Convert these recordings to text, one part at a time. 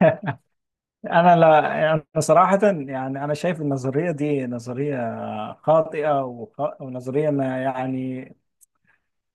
انا لا انا صراحه يعني انا شايف النظريه دي نظريه خاطئه ونظريه ما يعني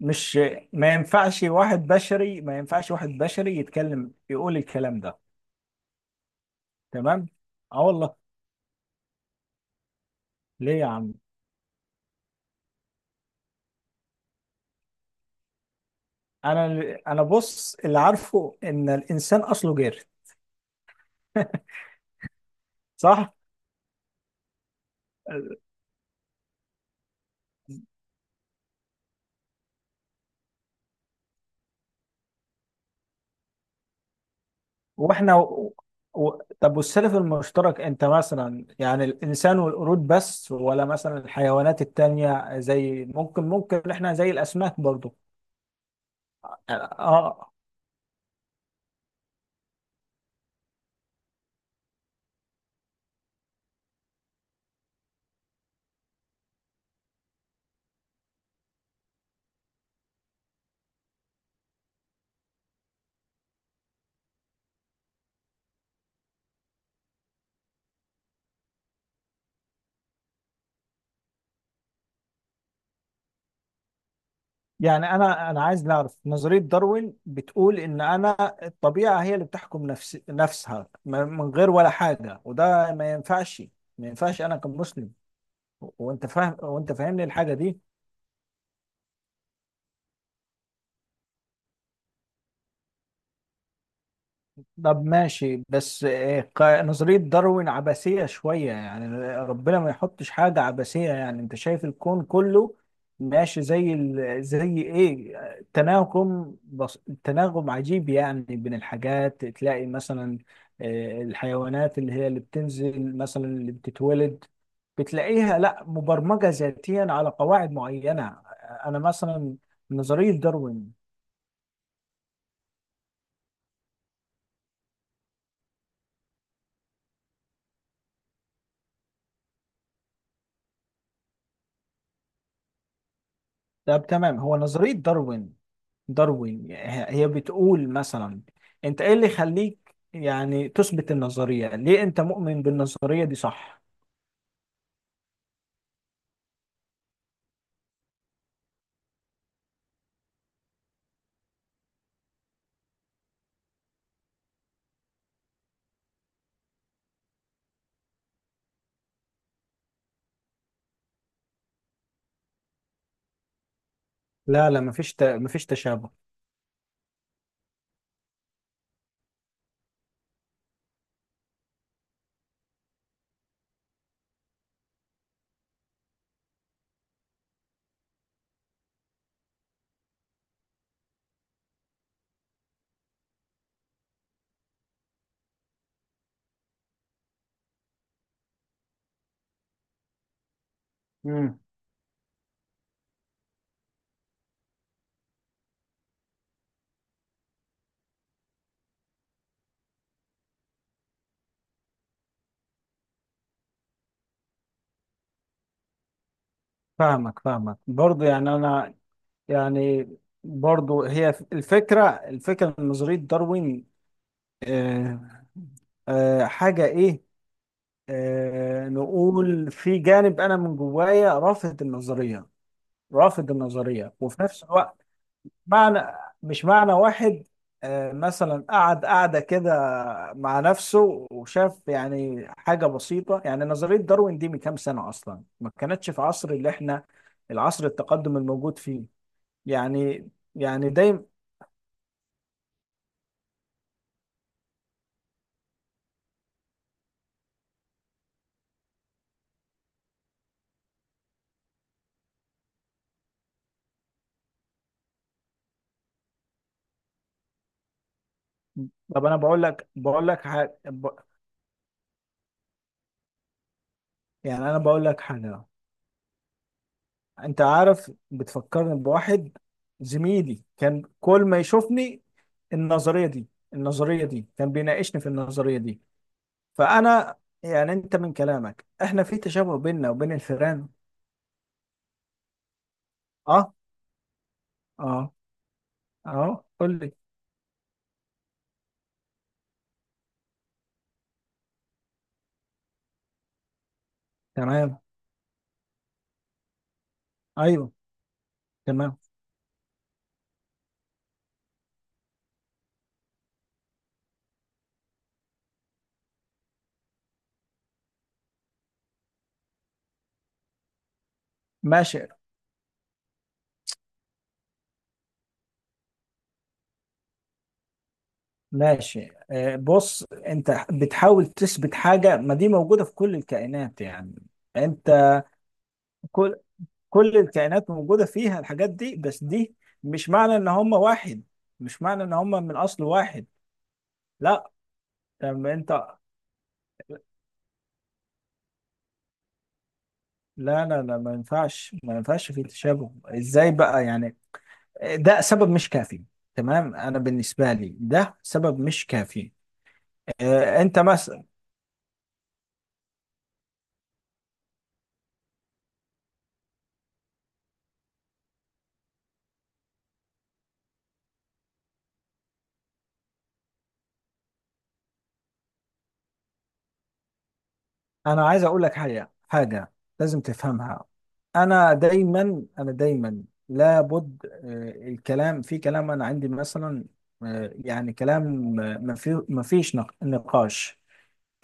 مش. ما ينفعش واحد بشري يتكلم يقول الكلام ده. تمام. اه والله. ليه يا عم؟ انا انا بص، اللي عارفه ان الانسان اصله جير. صح. واحنا و... و... طب والسلف المشترك انت مثلا يعني الانسان والقرود بس، ولا مثلا الحيوانات التانية، زي ممكن احنا زي الاسماك برضو؟ اه. آه، يعني انا عايز نعرف نظرية داروين بتقول ان انا الطبيعة هي اللي بتحكم نفسها من غير ولا حاجة، وده ما ينفعش. ما ينفعش انا كمسلم. وانت فاهم، وانت فاهمني الحاجة دي. طب ماشي، بس نظرية داروين عبثية شوية يعني. ربنا ما يحطش حاجة عبثية. يعني انت شايف الكون كله ماشي زي ايه، تناغم، تناغم عجيب يعني بين الحاجات. تلاقي مثلا الحيوانات اللي هي اللي بتنزل مثلا اللي بتتولد، بتلاقيها لا مبرمجة ذاتيا على قواعد معينة. انا مثلا نظرية داروين. طب تمام، هو نظرية داروين، داروين هي بتقول مثلا، انت ايه اللي يخليك يعني تثبت النظرية؟ ليه انت مؤمن بالنظرية دي؟ صح. لا لا، مفيش مفيش تشابه. امم. فاهمك برضو يعني انا، يعني برضو هي الفكرة، الفكرة من نظرية داروين آه حاجة ايه؟ آه، نقول في جانب انا من جوايا رافض النظرية. رافض النظرية، وفي نفس الوقت معنى، مش معنى واحد. مثلا قعد قعدة كده مع نفسه وشاف يعني حاجة بسيطة. يعني نظرية داروين دي من كام سنة أصلا، ما كانتش في عصر اللي احنا، العصر التقدم الموجود فيه يعني. يعني دايما طب أنا بقول لك حاجة يعني أنا بقول لك حاجة. أنت عارف، بتفكرني بواحد، زميلي كان كل ما يشوفني، النظرية دي النظرية دي كان بيناقشني في النظرية دي. فانا يعني، انت من كلامك احنا في تشابه بيننا وبين الفئران. اه. اه. اه قول لي. تمام. ايوه، تمام. ماشي. ماشي بص، انت بتحاول تثبت حاجه، ما دي موجوده في كل الكائنات يعني. انت، كل كل الكائنات موجوده فيها الحاجات دي، بس دي مش معنى ان هم واحد، مش معنى ان هم من اصل واحد. لا. طب انت، لا لا لا، ما ينفعش. ما ينفعش في تشابه ازاي بقى يعني؟ ده سبب مش كافي. تمام، انا بالنسبه لي ده سبب مش كافي. انت مثلا. انا عايز اقول لك حاجه لازم تفهمها. انا دايما لابد الكلام في كلام. انا عندي مثلا يعني كلام ما فيش نقاش.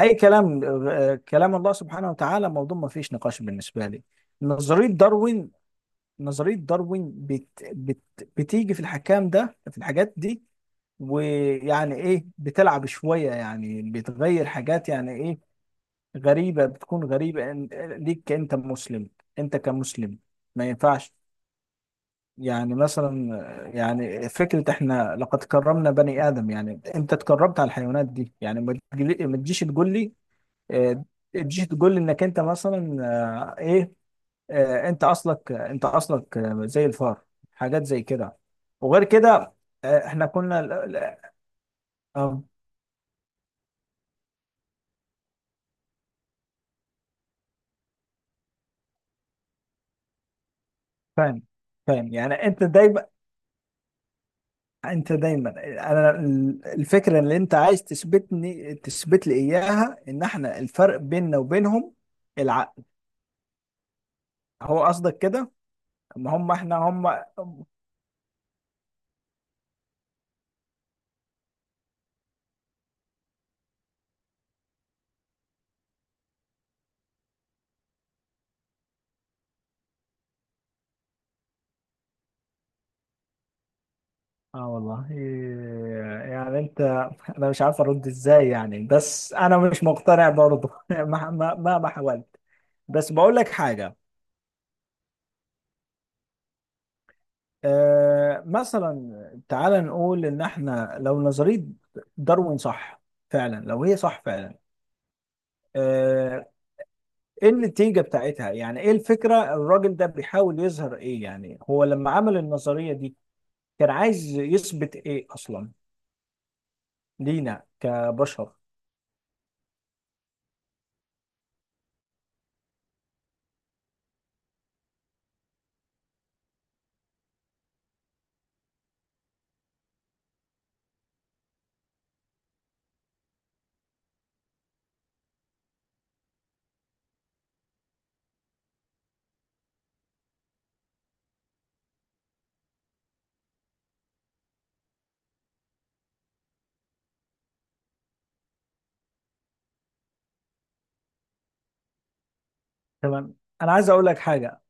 اي كلام، كلام الله سبحانه وتعالى، موضوع ما فيش نقاش بالنسبه لي. نظريه داروين، نظرية داروين بتيجي في الحكام ده، في الحاجات دي، ويعني ايه، بتلعب شوية يعني، بتغير حاجات يعني ايه. غريبة، بتكون غريبة ليك كأنت مسلم. انت كمسلم ما ينفعش. يعني مثلا، يعني فكرة احنا لقد كرمنا بني آدم. يعني انت اتكرمت على الحيوانات دي، يعني ما تجيش تقول لي آه، تجيش تقول لي انك انت مثلا ايه انت اصلك، انت اصلك زي الفار، حاجات زي كده وغير كده. احنا كنا اه. فاهم، فاهم يعني. انت دايما انا الفكره اللي انت عايز تثبتني تثبت لي اياها، ان احنا الفرق بيننا وبينهم العقل. هو قصدك كده؟ ما هم احنا هم. اه والله، يعني انت، انا مش عارف ارد ازاي يعني، بس انا مش مقتنع برضه مهما حاولت. بس بقول لك حاجه. مثلا تعال نقول ان احنا، لو نظرية داروين صح فعلا، لو هي صح فعلا. آه، ايه النتيجة بتاعتها؟ يعني ايه الفكرة؟ الراجل ده بيحاول يظهر ايه يعني؟ هو لما عمل النظرية دي كان عايز يثبت ايه اصلا لينا كبشر؟ تمام. انا عايز اقول لك حاجة.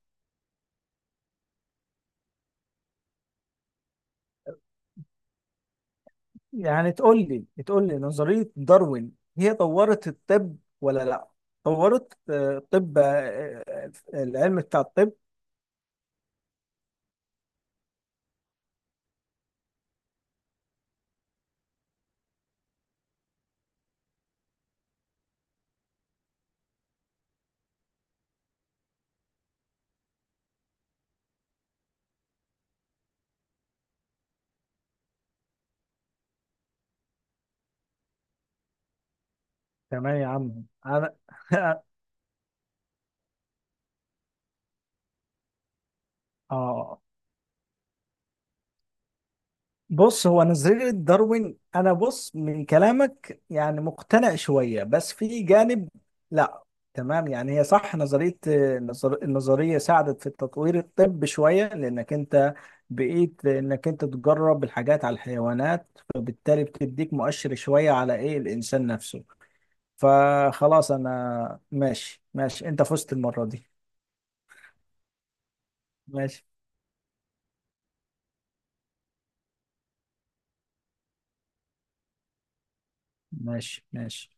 يعني تقول لي نظرية داروين هي طورت الطب ولا لا؟ طورت الطب، العلم بتاع الطب. تمام يا عم، انا اه، بص، هو نظرية داروين، انا بص من كلامك يعني مقتنع شوية، بس في جانب لا. تمام، يعني هي صح نظرية، النظرية ساعدت في تطوير الطب شوية، لانك انت بقيت انك انت تجرب الحاجات على الحيوانات، فبالتالي بتديك مؤشر شوية على ايه الانسان نفسه. فخلاص انا ماشي، ماشي، انت فزت المرة دي. ماشي، ماشي، ماشي.